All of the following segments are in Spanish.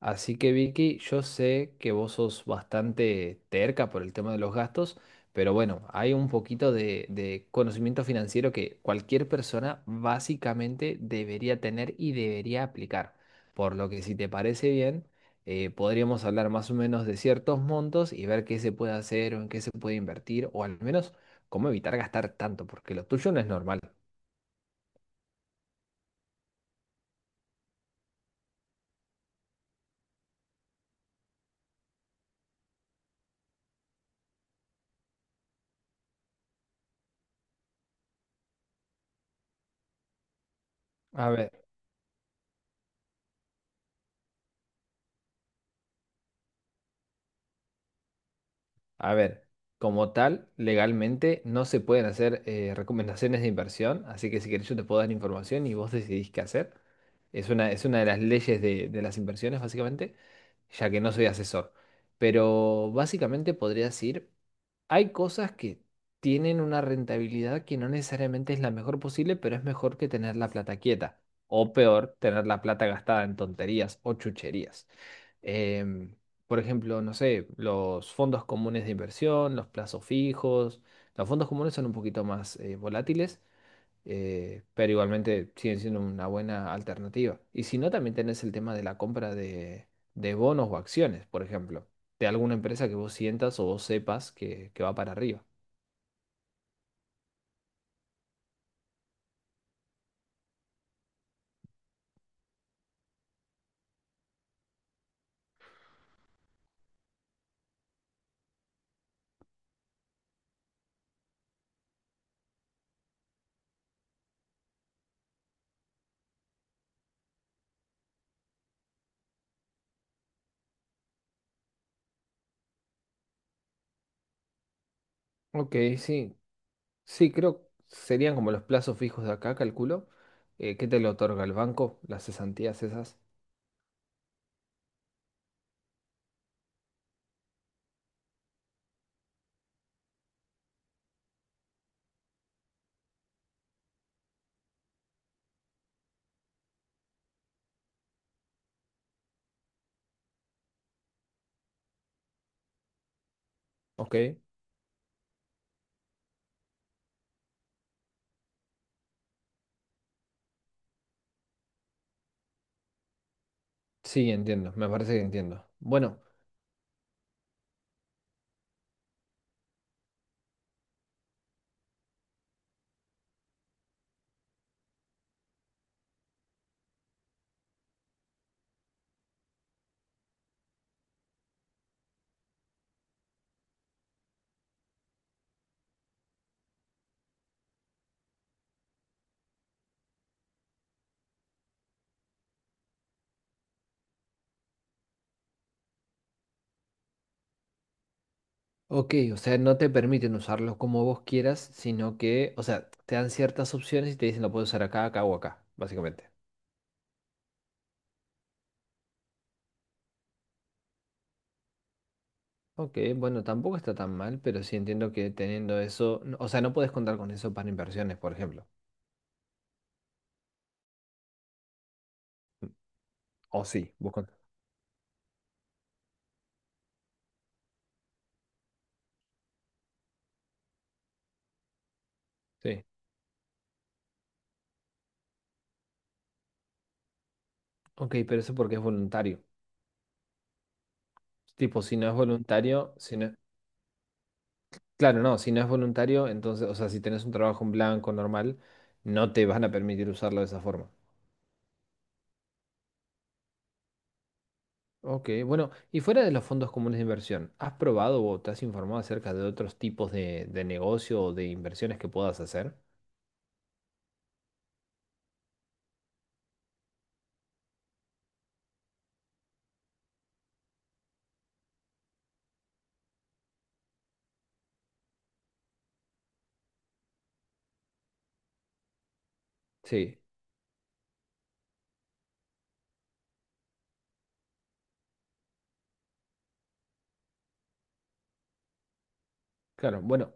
Así que Vicky, yo sé que vos sos bastante terca por el tema de los gastos, pero bueno, hay un poquito de conocimiento financiero que cualquier persona básicamente debería tener y debería aplicar. Por lo que si te parece bien, podríamos hablar más o menos de ciertos montos y ver qué se puede hacer o en qué se puede invertir o al menos cómo evitar gastar tanto, porque lo tuyo no es normal. A ver. A ver, como tal, legalmente no se pueden hacer recomendaciones de inversión, así que si querés yo te puedo dar información y vos decidís qué hacer. Es una de las leyes de las inversiones, básicamente, ya que no soy asesor. Pero básicamente podría decir, hay cosas que tienen una rentabilidad que no necesariamente es la mejor posible, pero es mejor que tener la plata quieta. O peor, tener la plata gastada en tonterías o chucherías, em, por ejemplo, no sé, los fondos comunes de inversión, los plazos fijos. Los fondos comunes son un poquito más volátiles, pero igualmente siguen siendo una buena alternativa. Y si no, también tenés el tema de la compra de bonos o acciones, por ejemplo, de alguna empresa que vos sientas o vos sepas que va para arriba. Ok, sí. Sí, creo serían como los plazos fijos de acá, calculo. ¿Qué te lo otorga el banco? Las cesantías esas. Ok. Sí, entiendo, me parece que entiendo. Bueno, ok, o sea, no te permiten usarlo como vos quieras, sino que, o sea, te dan ciertas opciones y te dicen lo puedes usar acá, acá o acá, básicamente. Ok, bueno, tampoco está tan mal, pero sí entiendo que teniendo eso, o sea, no puedes contar con eso para inversiones, por ejemplo. O sí, vos contás. Sí. Ok, pero eso porque es voluntario. Tipo, si no es voluntario, si no... Claro, no, si no es voluntario, entonces, o sea, si tenés un trabajo en blanco normal, no te van a permitir usarlo de esa forma. Ok, bueno, y fuera de los fondos comunes de inversión, ¿has probado o te has informado acerca de otros tipos de negocio o de inversiones que puedas hacer? Sí, claro, bueno,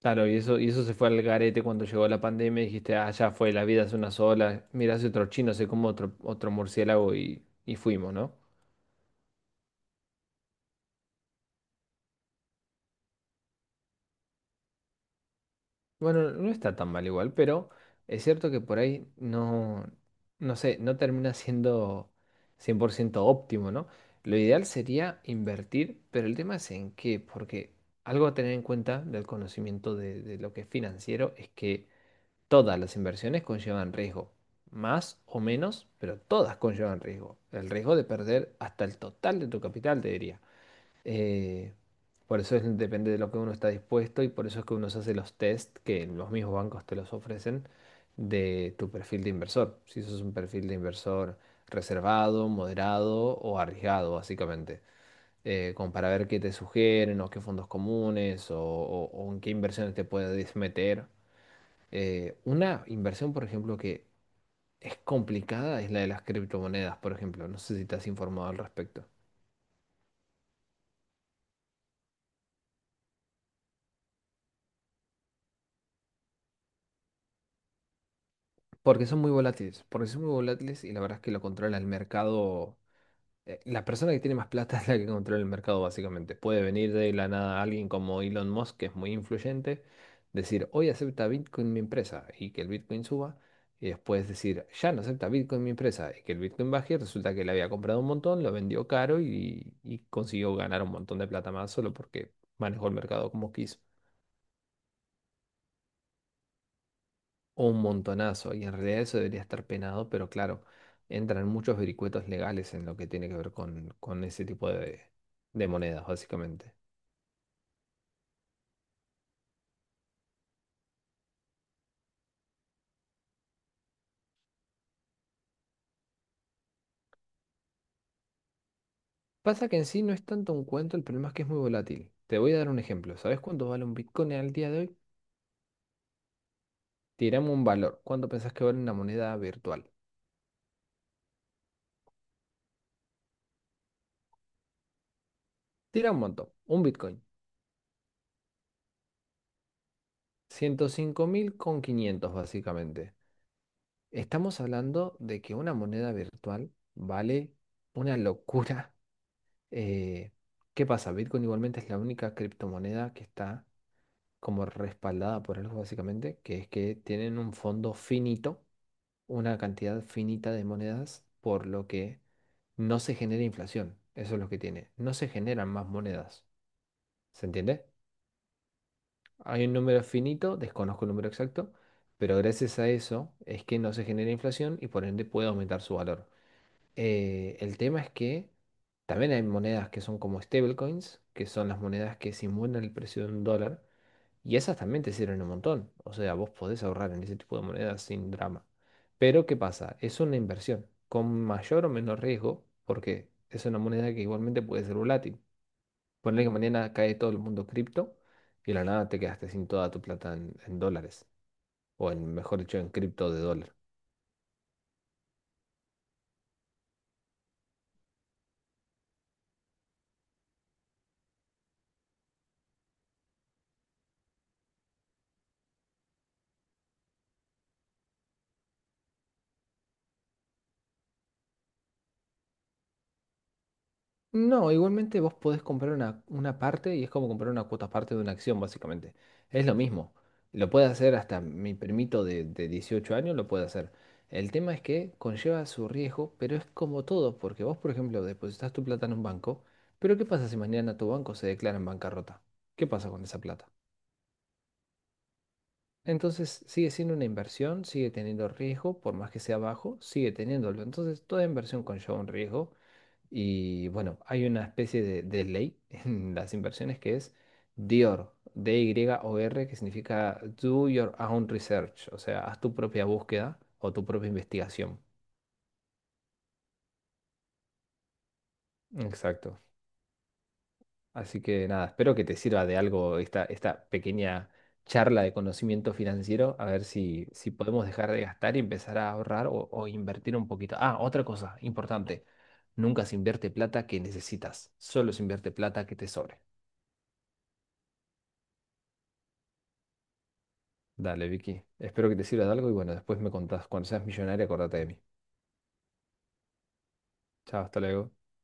claro, y eso se fue al garete cuando llegó la pandemia y dijiste, ah, ya fue, la vida es una sola, mirá si otro chino se come otro murciélago y fuimos, ¿no? Bueno, no está tan mal igual, pero es cierto que por ahí no, no sé, no termina siendo 100% óptimo, ¿no? Lo ideal sería invertir, pero el tema es en qué, porque algo a tener en cuenta del conocimiento de lo que es financiero es que todas las inversiones conllevan riesgo, más o menos, pero todas conllevan riesgo. El riesgo de perder hasta el total de tu capital, te diría. Eh, por depende de lo que uno está dispuesto y por eso es que uno se hace los test que los mismos bancos te los ofrecen de tu perfil de inversor. Si sos un perfil de inversor reservado, moderado o arriesgado, básicamente. Como para ver qué te sugieren o qué fondos comunes o en qué inversiones te puedes meter. Una inversión, por ejemplo, que es complicada es la de las criptomonedas, por ejemplo. No sé si te has informado al respecto. Porque son muy volátiles, porque son muy volátiles y la verdad es que lo controla el mercado. La persona que tiene más plata es la que controla el mercado, básicamente. Puede venir de la nada alguien como Elon Musk, que es muy influyente, decir, hoy acepta Bitcoin mi empresa y que el Bitcoin suba, y después decir, ya no acepta Bitcoin mi empresa y que el Bitcoin baje, y resulta que le había comprado un montón, lo vendió caro y consiguió ganar un montón de plata más solo porque manejó el mercado como quiso. Un montonazo, y en realidad eso debería estar penado, pero claro, entran muchos vericuetos legales en lo que tiene que ver con ese tipo de monedas, básicamente. Pasa que en sí no es tanto un cuento, el problema es que es muy volátil. Te voy a dar un ejemplo. ¿Sabes cuánto vale un Bitcoin al día de hoy? Tiramos un valor. ¿Cuánto pensás que vale una moneda virtual? Tira un montón. Un Bitcoin. 105.500 básicamente. Estamos hablando de que una moneda virtual vale una locura. Eh, ¿Qué pasa? Bitcoin igualmente es la única criptomoneda que está como respaldada por algo básicamente, que es que tienen un fondo finito, una cantidad finita de monedas, por lo que no se genera inflación. Eso es lo que tiene. No se generan más monedas. ¿Se entiende? Hay un número finito, desconozco el número exacto, pero gracias a eso es que no se genera inflación y por ende puede aumentar su valor. El tema es que también hay monedas que son como stablecoins, que son las monedas que simulan el precio de un dólar, y esas también te sirven un montón. O sea, vos podés ahorrar en ese tipo de monedas sin drama. Pero ¿qué pasa? Es una inversión con mayor o menor riesgo, porque es una moneda que igualmente puede ser volátil. Ponle que mañana cae todo el mundo cripto y de la nada te quedaste sin toda tu plata en dólares, o en, mejor dicho, en cripto de dólar. No, igualmente vos podés comprar una parte y es como comprar una cuota parte de una acción, básicamente. Es lo mismo. Lo puede hacer hasta mi primito de 18 años, lo puede hacer. El tema es que conlleva su riesgo, pero es como todo, porque vos, por ejemplo, depositas tu plata en un banco, pero ¿qué pasa si mañana tu banco se declara en bancarrota? ¿Qué pasa con esa plata? Entonces sigue siendo una inversión, sigue teniendo riesgo, por más que sea bajo, sigue teniéndolo. Entonces toda inversión conlleva un riesgo y bueno, hay una especie de ley en las inversiones que es DIOR, DYOR, que significa Do Your Own Research, o sea, haz tu propia búsqueda o tu propia investigación. Exacto. Así que nada, espero que te sirva de algo esta, esta pequeña charla de conocimiento financiero, a ver si, si podemos dejar de gastar y empezar a ahorrar o invertir un poquito. Ah, otra cosa importante, nunca se invierte plata que necesitas, solo se invierte plata que te sobre. Dale, Vicky. Espero que te sirva de algo y bueno, después me contás. Cuando seas millonaria, acordate de mí. Chao, hasta luego.